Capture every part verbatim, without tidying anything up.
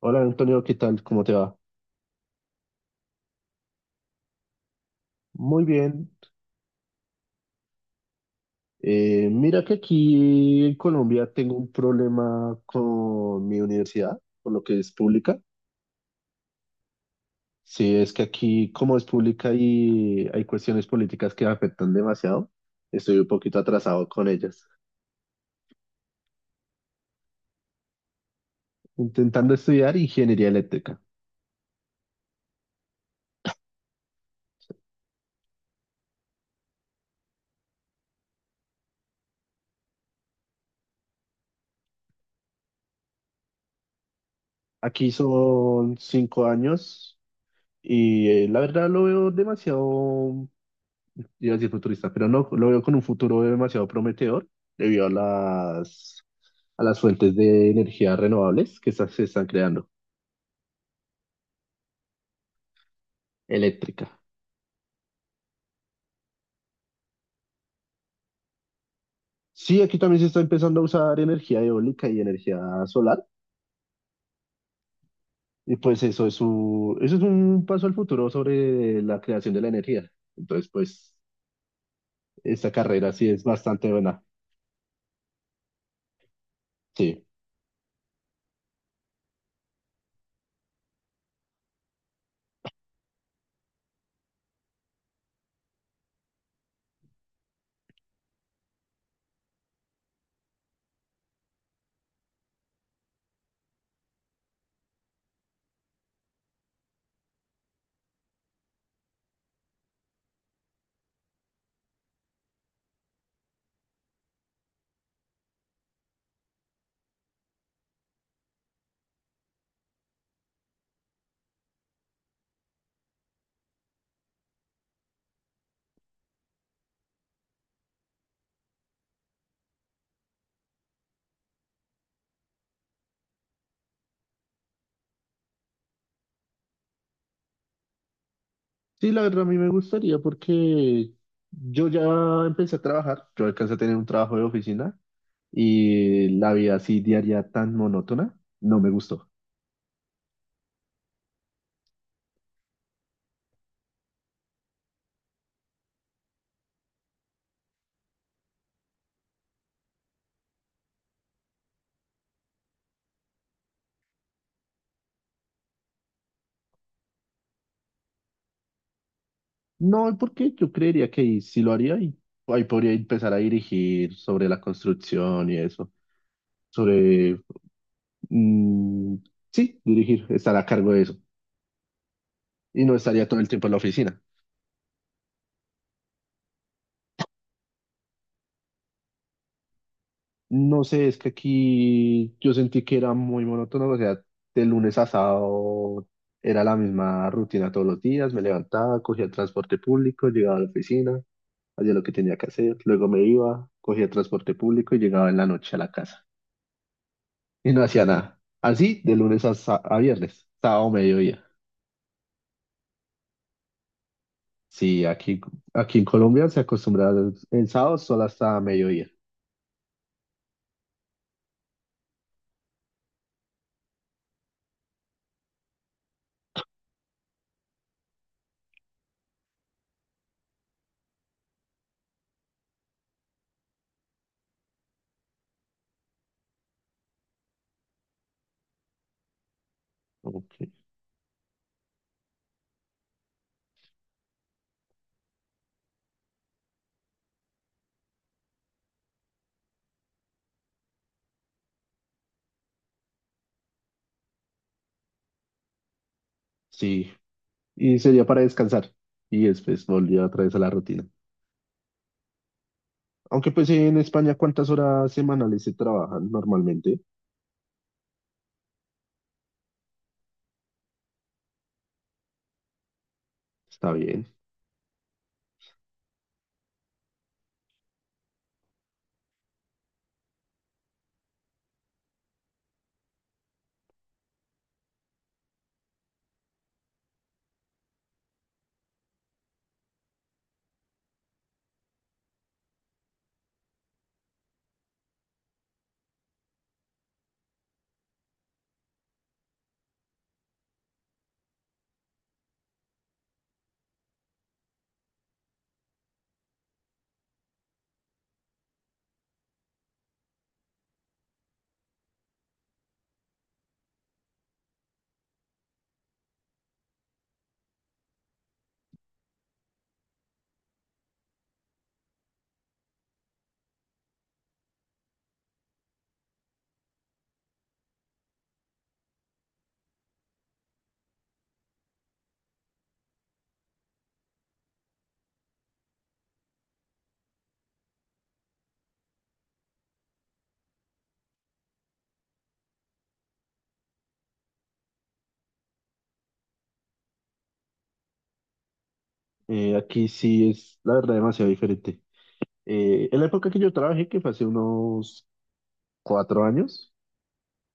Hola Antonio, ¿qué tal? ¿Cómo te va? Muy bien. Eh, mira que aquí en Colombia tengo un problema con mi universidad, por lo que es pública. Sí, es que aquí como es pública y hay cuestiones políticas que afectan demasiado, estoy un poquito atrasado con ellas. Intentando estudiar ingeniería eléctrica. Aquí son cinco años y eh, la verdad lo veo demasiado, iba a decir futurista, pero no, lo veo con un futuro demasiado prometedor debido a las, a las fuentes de energía renovables que está- se están creando, eléctrica. Sí, aquí también se está empezando a usar energía eólica y energía solar, y pues eso es, un- eso es un paso al futuro sobre la creación de la energía. Entonces, pues, esta carrera sí es bastante buena. Sí. Sí, la verdad a mí me gustaría porque yo ya empecé a trabajar, yo alcancé a tener un trabajo de oficina y la vida así diaria tan monótona, no me gustó. No, porque yo creería que ahí sí lo haría y ahí podría empezar a dirigir sobre la construcción y eso, sobre, mm, sí, dirigir, estar a cargo de eso y no estaría todo el tiempo en la oficina. No sé, es que aquí yo sentí que era muy monótono, o sea, de lunes a sábado era la misma rutina todos los días, me levantaba, cogía el transporte público, llegaba a la oficina, hacía lo que tenía que hacer, luego me iba, cogía transporte público y llegaba en la noche a la casa. Y no hacía nada. Así, de lunes a, sa- a viernes, sábado, mediodía. Sí, aquí, aquí en Colombia se acostumbra el sábado solo hasta mediodía. Ok. Sí, y sería para descansar. Y después volvía otra vez a la rutina. Aunque pues en España, ¿cuántas horas semanales se trabajan normalmente? Está bien. Eh, aquí sí es, la verdad, demasiado diferente. Eh, en la época que yo trabajé, que fue hace unos cuatro años,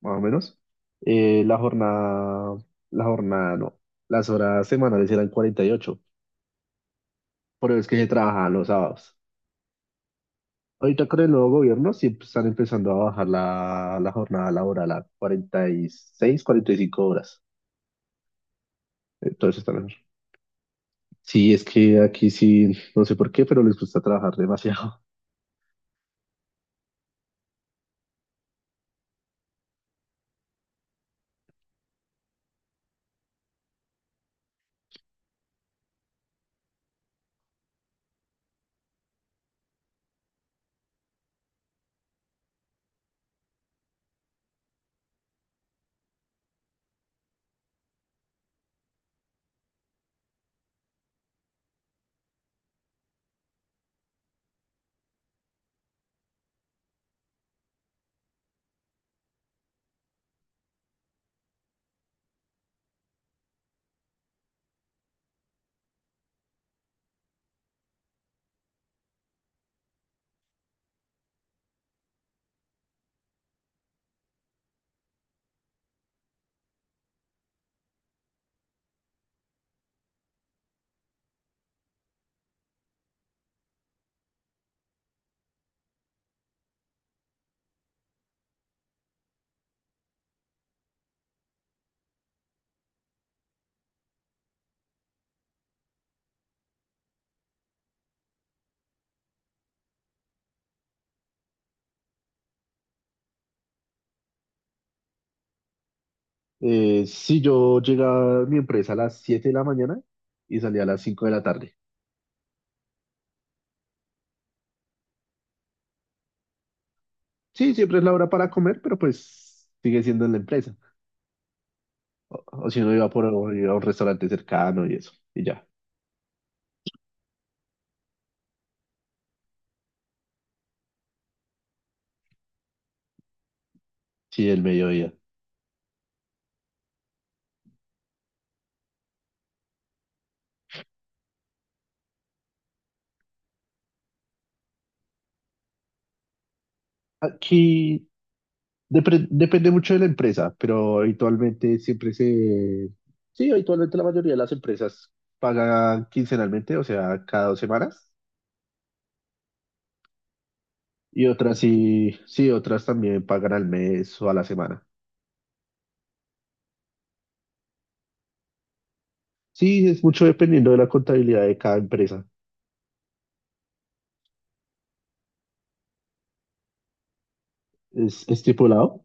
más o menos. Eh, la jornada, la jornada no, las horas semanales eran cuarenta y ocho, pero es que se trabajaban los sábados. Ahorita con el nuevo gobierno sí están empezando a bajar la, la jornada laboral a cuarenta, cuarenta y seis, cuarenta y cinco horas. Entonces está mejor. Sí, es que aquí sí, no sé por qué, pero les gusta trabajar demasiado. Eh, si yo llegaba a mi empresa a las siete de la mañana y salía a las cinco de la tarde. Sí, siempre es la hora para comer, pero pues sigue siendo en la empresa. O, o si uno iba por iba a un restaurante cercano y eso, y ya. Sí, el mediodía. Aquí depre- depende mucho de la empresa, pero habitualmente siempre se... Sí, habitualmente la mayoría de las empresas pagan quincenalmente, o sea, cada dos semanas. Y otras sí, sí, otras también pagan al mes o a la semana. Sí, es mucho dependiendo de la contabilidad de cada empresa. ¿Es estipulado?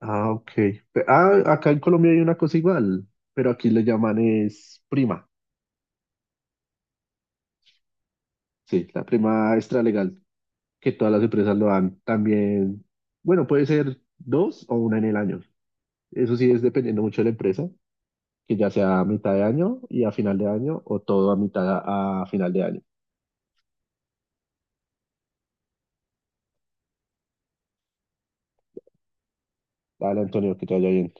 Ah, ok. Pe- Ah, acá en Colombia hay una cosa igual, pero aquí le llaman es prima. Sí, la prima extralegal, que todas las empresas lo dan también. Bueno, puede ser dos o una en el año. Eso sí es dependiendo mucho de la empresa, que ya sea a mitad de año y a final de año o todo a mitad a, a final de año. Dale, Antonio, que te vaya bien.